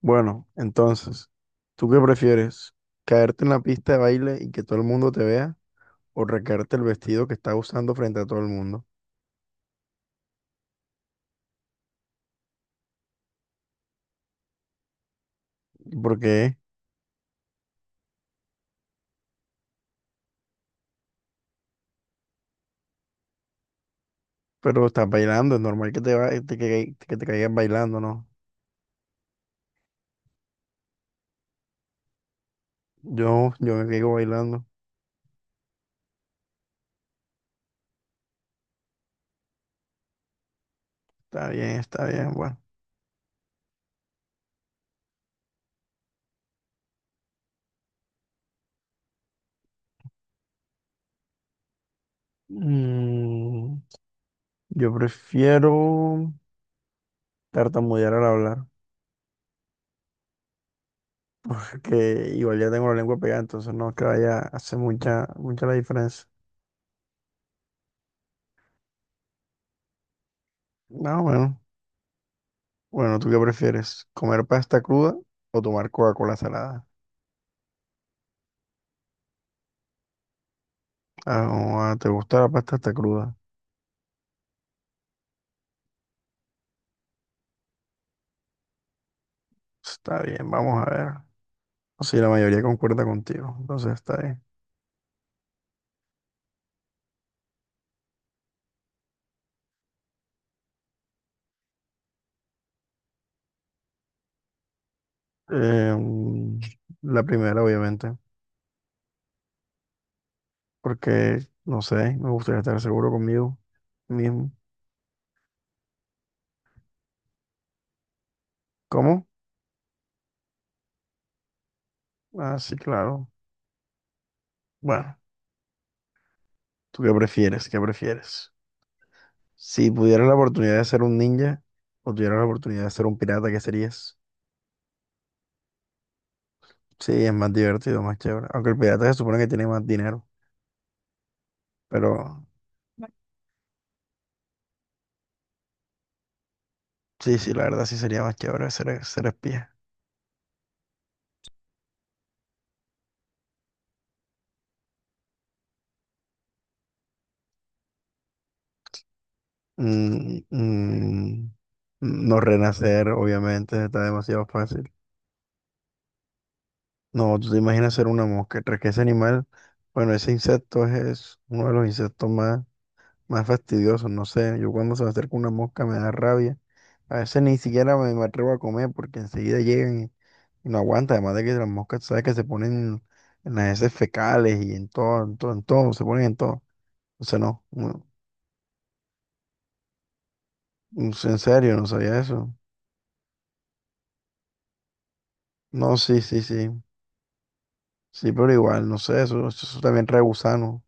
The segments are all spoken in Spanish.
Bueno, entonces, ¿tú qué prefieres? ¿Caerte en la pista de baile y que todo el mundo te vea? ¿O recaerte el vestido que estás usando frente a todo el mundo? ¿Y ¿por qué? Pero estás bailando, es normal que te caigas bailando, ¿no? Yo me caigo bailando. Está bien, bueno. Mm, yo prefiero tartamudear al hablar, porque igual ya tengo la lengua pegada, entonces no es que vaya a hacer mucha, mucha la diferencia. No, bueno. Bueno, ¿tú qué prefieres? ¿Comer pasta cruda o tomar Coca-Cola salada? Ah, ah, ¿te gusta la pasta hasta cruda? Está bien, vamos a ver. Sí, la mayoría concuerda contigo, entonces está bien. Eh, mm, la primera, obviamente, porque, no sé, me gustaría estar seguro conmigo mismo. ¿Cómo? Ah, sí, claro. Bueno, ¿tú qué prefieres? ¿Qué prefieres? Si pudieras la oportunidad de ser un ninja o tuvieras la oportunidad de ser un pirata, ¿qué serías? Sí, es más divertido, más chévere. Aunque el pirata se supone que tiene más dinero. Pero sí, sí, la verdad sí sería más chévere ser espía. Mm, mm, no renacer, obviamente, está demasiado fácil. No, tú te imaginas ser una mosca. Tras que ese animal, bueno, ese insecto es uno de los insectos más fastidioso, no sé, yo cuando se me acerca una mosca me da rabia, a veces ni siquiera me atrevo a comer porque enseguida llegan y no aguanta, además de que las moscas, tú sabes que se ponen en las heces fecales y en todo, en todo, en todo, se ponen en todo, o sea, no, no, no sé, en serio, no sabía eso, no, sí, sí, sí, sí, pero igual, no sé, eso también trae gusano,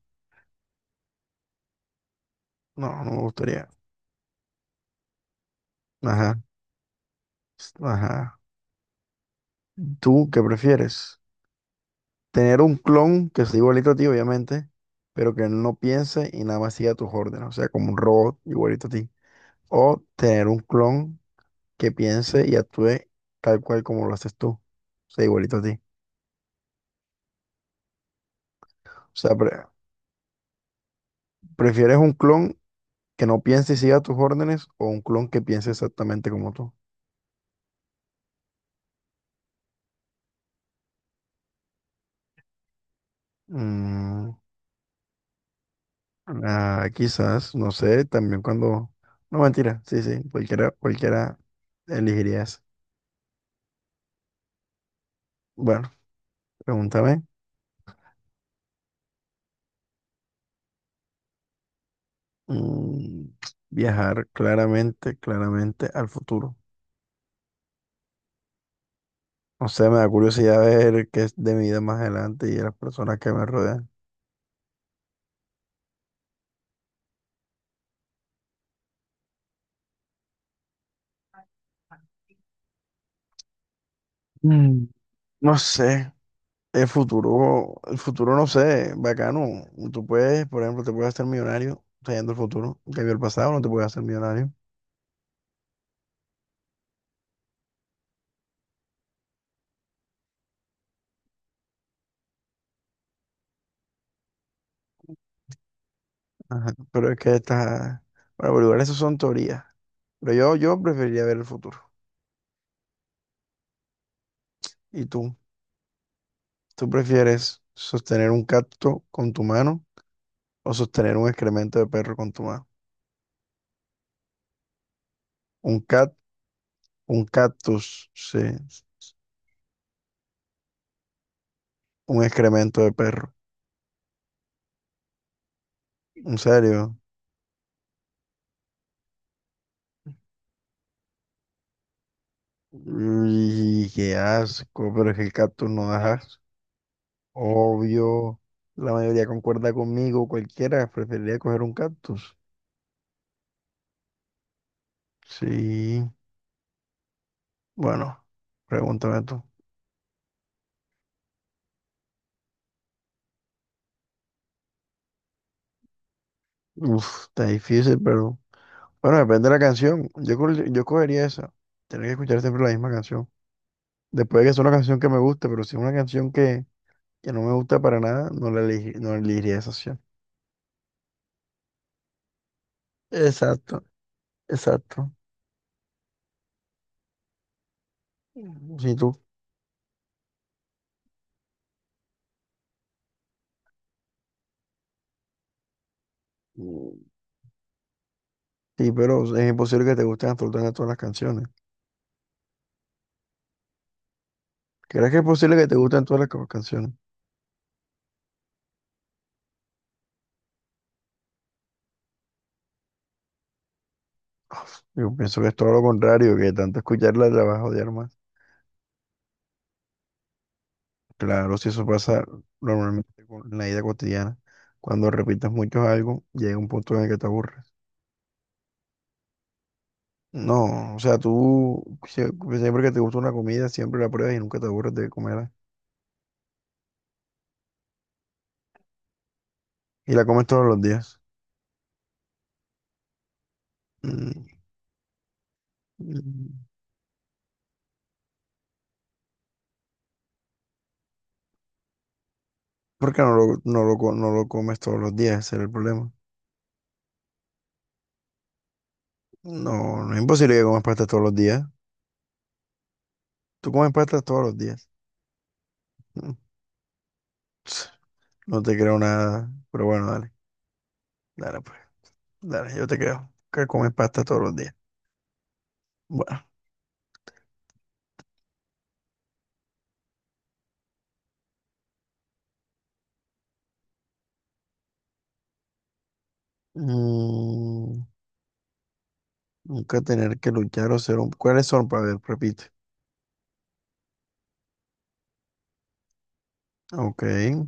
no, no me gustaría, ajá, ajá, ¿tú qué prefieres? Tener un clon que sea igualito a ti, obviamente, pero que él no piense y nada más siga tus órdenes, o sea, como un robot igualito a ti. O tener un clon que piense y actúe tal cual como lo haces tú, o sea, igualito a ti. O sea, ¿prefieres un clon que no piense y siga tus órdenes o un clon que piense exactamente como tú? Mm, ah, quizás, no sé, también cuando... No, mentira, sí, sí, cualquiera, cualquiera elegiría eso. Bueno, pregúntame. Mm, Viajar claramente, claramente al futuro. No sé, me da curiosidad ver qué es de mi vida más adelante y de las personas que me rodean. Mm, No sé, el futuro no sé, bacano. Tú puedes, por ejemplo, te puedes hacer millonario trayendo el futuro. En cambio, el pasado no te puedes hacer millonario. Ajá, pero es que estas, bueno, pero igual eso son teorías. Pero yo preferiría ver el futuro. ¿Y tú? ¿Tú prefieres sostener un cacto con tu mano? O sostener un excremento de perro con tu mano. Un cat, un cactus, sí. Un excremento de perro. ¿En serio? Y qué asco, pero es que el cactus no da asco. Obvio, la mayoría concuerda conmigo, cualquiera preferiría coger un cactus. Sí, bueno, pregúntame tú. Uf, está difícil, pero bueno, depende de la canción. Yo cogería esa. Tener que escuchar siempre la misma canción. Después de que sea una canción que me guste, pero si es una canción que no me gusta para nada, no elegiría esa opción. Exacto, exacto. Mm, Si tú, mm, Sí, pero es imposible que te gusten absolutamente todas las canciones. ¿Crees que es posible que te gusten todas las canciones? Yo pienso que es todo lo contrario, que tanto escucharla te la vas a odiar más. Claro, si eso pasa normalmente en la vida cotidiana, cuando repitas mucho algo, llega un punto en el que te aburres. No, o sea, tú siempre que te gusta una comida, siempre la pruebas y nunca te aburres de comerla. Y la comes todos los días. Mm. Mm, Porque no lo comes todos los días, ese es el problema. No, no es imposible que comas pasta todos los días. Tú comes pasta todos los días. Mm, ps, No te creo nada, pero bueno, dale, dale pues, dale, yo te creo que comes pasta todos los días. Bueno, mm, nunca tener que luchar o ser un... ¿Cuáles son? Para ver, repite. Ok, creo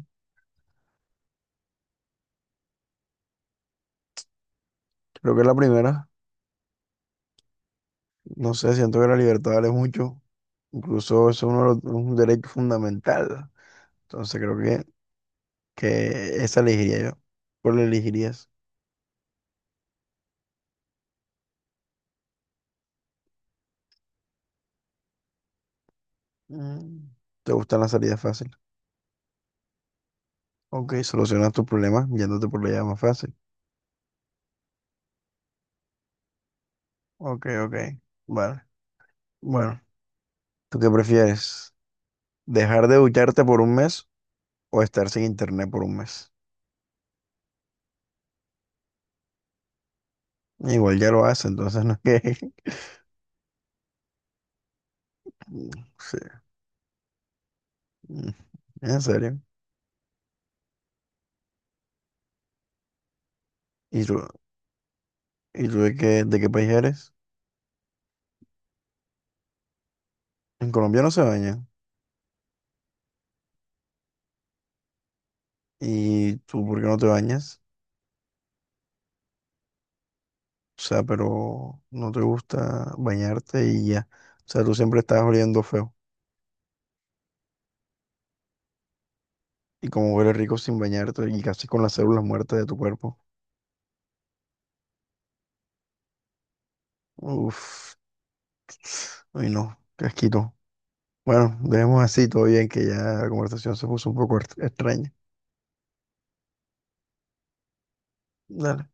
que la primera, no sé, siento que la libertad vale mucho. Incluso es un derecho fundamental. Entonces creo que esa elegiría yo. ¿Cuál elegirías? Mm, ¿te gustan las salidas fáciles? Ok, solucionas tus problemas yéndote por la vía más fácil. Ok, ok. Vale. Bueno, ¿tú qué prefieres? ¿Dejar de ducharte por un mes o estar sin internet por un mes? Igual ya lo hace, entonces no es que... Mm, sí. Mm. En serio. ¿Y tú de qué país eres? En Colombia no se baña. ¿Y tú por qué no te bañas? O sea, pero no te gusta bañarte y ya. O sea, tú siempre estás oliendo feo. Y como hueles rico sin bañarte y casi con las células muertas de tu cuerpo. Uf. Uy, no. Qué asquito. Bueno, dejemos así todo bien que ya la conversación se puso un poco extraña. Dale.